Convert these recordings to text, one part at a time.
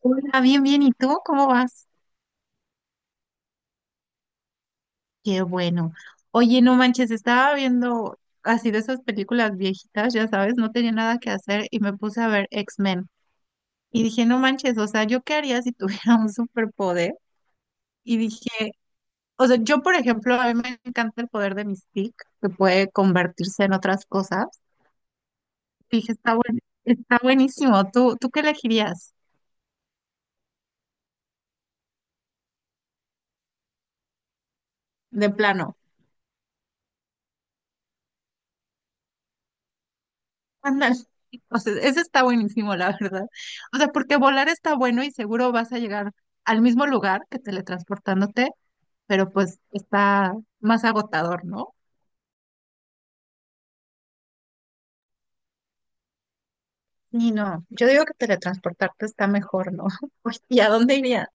Hola, bien, bien. ¿Y tú cómo vas? Qué bueno. Oye, no manches, estaba viendo así de esas películas viejitas, ya sabes, no tenía nada que hacer y me puse a ver X-Men. Y dije, no manches, o sea, ¿yo qué haría si tuviera un superpoder? Y dije, o sea, yo, por ejemplo, a mí me encanta el poder de mi que puede convertirse en otras cosas. Dije, está buenísimo. ¿Tú, tú qué elegirías de plano? Ándale. O sea, ese está buenísimo, la verdad. O sea, porque volar está bueno y seguro vas a llegar al mismo lugar que teletransportándote, pero pues está más agotador, ¿no? Y no, yo digo que teletransportarte está mejor, ¿no? Oye, ¿y a dónde irías?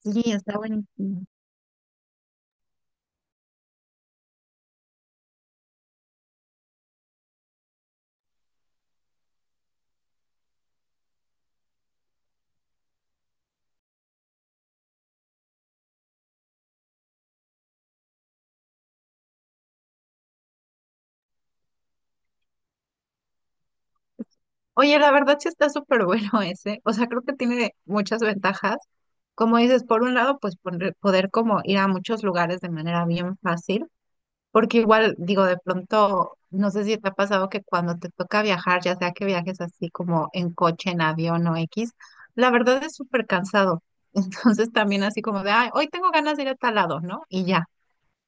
Sí, está buenísimo. Oye, la verdad sí está súper bueno ese. O sea, creo que tiene muchas ventajas. Como dices, por un lado, pues poner- poder como ir a muchos lugares de manera bien fácil. Porque igual, digo, de pronto, no sé si te ha pasado que cuando te toca viajar, ya sea que viajes así como en coche, en avión o X, la verdad es súper cansado. Entonces también así como de, ay, hoy tengo ganas de ir a tal lado, ¿no? Y ya.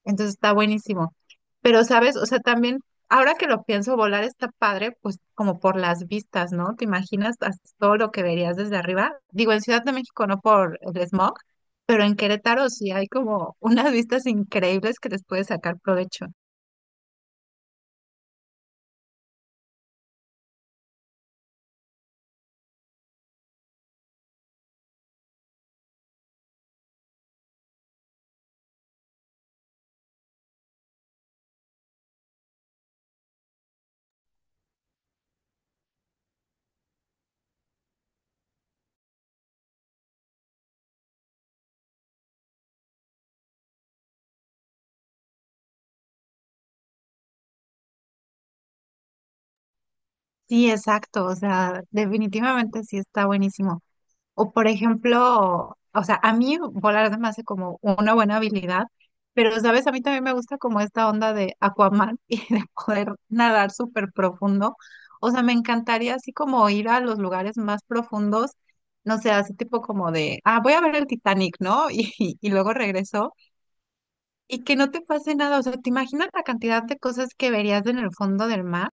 Entonces está buenísimo. Pero, ¿sabes? O sea, también, ahora que lo pienso, volar está padre, pues como por las vistas, ¿no? ¿Te imaginas todo lo que verías desde arriba? Digo, en Ciudad de México no por el smog, pero en Querétaro sí hay como unas vistas increíbles que les puedes sacar provecho. Sí, exacto, o sea, definitivamente sí está buenísimo. O por ejemplo, o sea, a mí volar se me hace como una buena habilidad, pero sabes, a mí también me gusta como esta onda de Aquaman y de poder nadar súper profundo. O sea, me encantaría así como ir a los lugares más profundos, no sé, así tipo como de, ah, voy a ver el Titanic, ¿no? Y luego regreso y que no te pase nada. O sea, ¿te imaginas la cantidad de cosas que verías en el fondo del mar?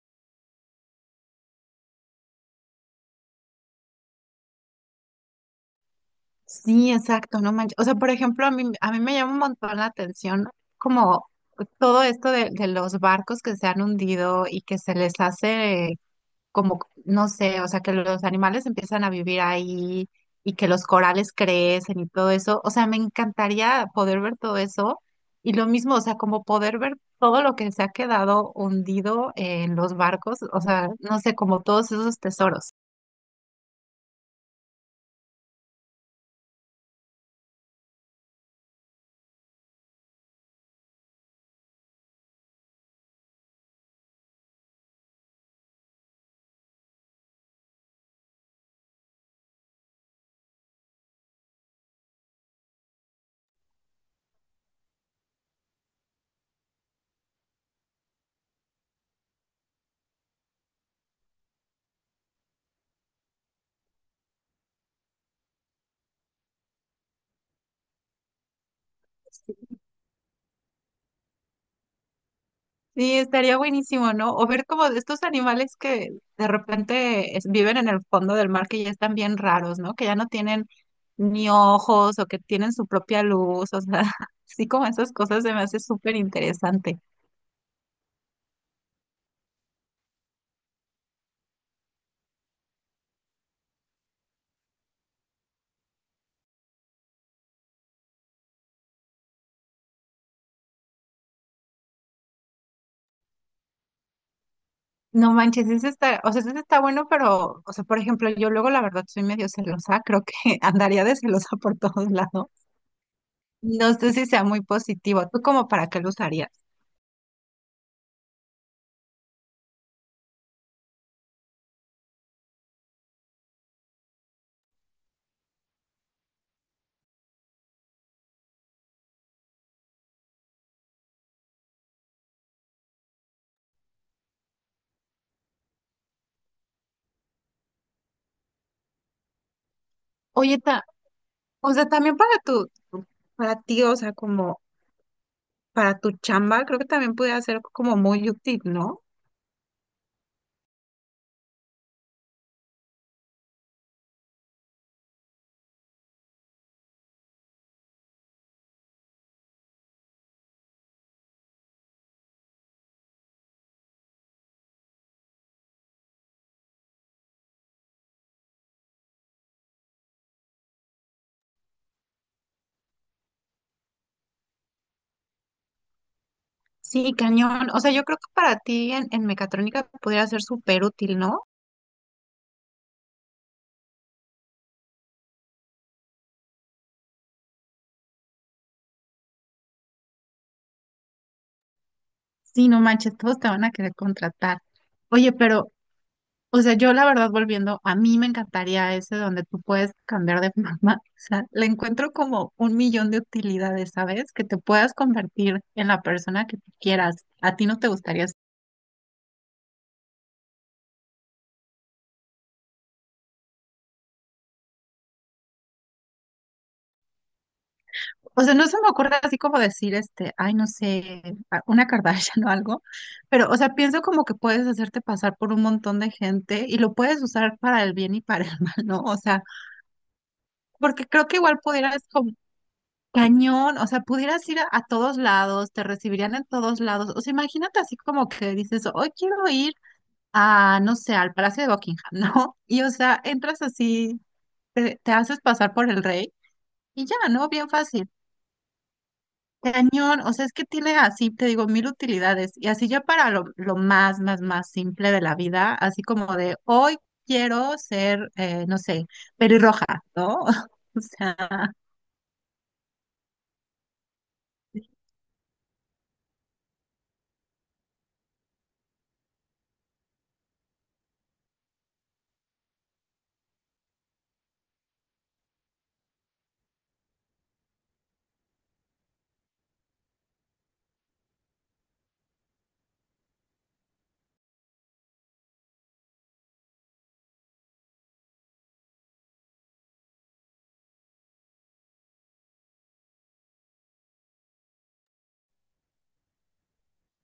Sí, exacto, no manches. O sea, por ejemplo, a mí me llama un montón la atención como todo esto de, los barcos que se han hundido y que se les hace como, no sé, o sea, que los animales empiezan a vivir ahí y que los corales crecen y todo eso. O sea, me encantaría poder ver todo eso y lo mismo, o sea, como poder ver todo lo que se ha quedado hundido en los barcos, o sea, no sé, como todos esos tesoros. Sí, estaría buenísimo, ¿no? O ver como de estos animales que de repente viven en el fondo del mar que ya están bien raros, ¿no? Que ya no tienen ni ojos o que tienen su propia luz, o sea, así como esas cosas se me hace súper interesante. No manches, ese está, o sea, ese está bueno, pero, o sea, por ejemplo, yo luego la verdad soy medio celosa, creo que andaría de celosa por todos lados. No sé si sea muy positivo. ¿Tú como para qué lo usarías? Oye, o sea, también para para ti, o sea, como para tu chamba, creo que también pudiera ser como muy útil, ¿no? Sí, cañón. O sea, yo creo que para ti en mecatrónica podría ser súper útil, ¿no? Sí, no manches, todos te van a querer contratar. Oye, pero, o sea, yo la verdad volviendo, a mí me encantaría ese donde tú puedes cambiar de mamá. O sea, le encuentro como un millón de utilidades, ¿sabes? Que te puedas convertir en la persona que tú quieras. ¿A ti no te gustaría? O sea, no se me ocurre así como decir, este, ay, no sé, una Kardashian o algo, pero, o sea, pienso como que puedes hacerte pasar por un montón de gente y lo puedes usar para el bien y para el mal, ¿no? O sea, porque creo que igual pudieras como cañón, o sea, pudieras ir a todos lados, te recibirían en todos lados. O sea, imagínate así como que dices, hoy quiero ir a, no sé, al Palacio de Buckingham, ¿no? Y, o sea, entras así, te haces pasar por el rey y ya, ¿no? Bien fácil. Cañón, o sea, es que tiene así, te digo, mil utilidades. Y así ya para lo más, más, más simple de la vida, así como de hoy quiero ser, no sé, pelirroja, ¿no? O sea,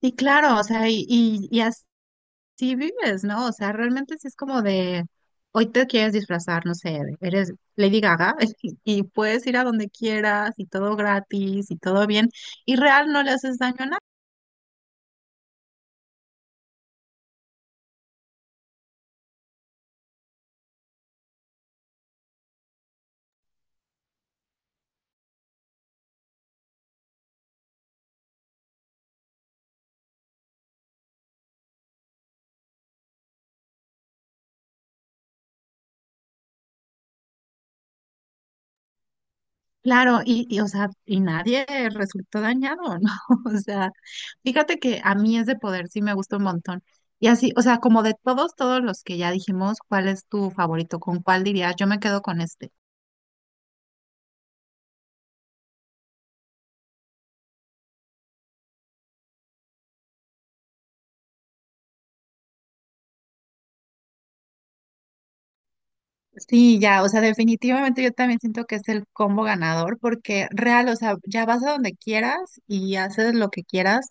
y claro, o sea, y así vives, ¿no? O sea, realmente sí es como de hoy te quieres disfrazar, no sé, eres Lady Gaga y puedes ir a donde quieras y todo gratis y todo bien. Y real no le haces daño a. Claro, o sea, y nadie resultó dañado, ¿no? O sea, fíjate que a mí ese poder sí me gusta un montón. Y así, o sea, como de todos, todos los que ya dijimos, ¿cuál es tu favorito? ¿Con cuál dirías? Yo me quedo con este. Sí, ya, o sea, definitivamente yo también siento que es el combo ganador, porque real, o sea, ya vas a donde quieras y haces lo que quieras.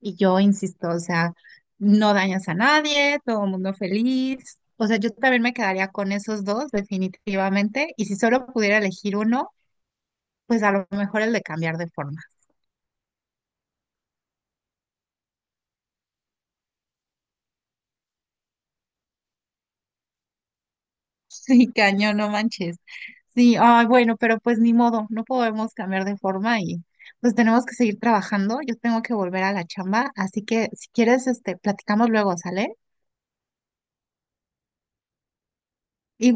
Y yo insisto, o sea, no dañas a nadie, todo el mundo feliz. O sea, yo también me quedaría con esos dos, definitivamente. Y si solo pudiera elegir uno, pues a lo mejor el de cambiar de forma. Sí, cañón, no manches. Sí, ay, bueno, pero pues ni modo, no podemos cambiar de forma y pues tenemos que seguir trabajando. Yo tengo que volver a la chamba, así que si quieres, este, platicamos luego, ¿sale? Y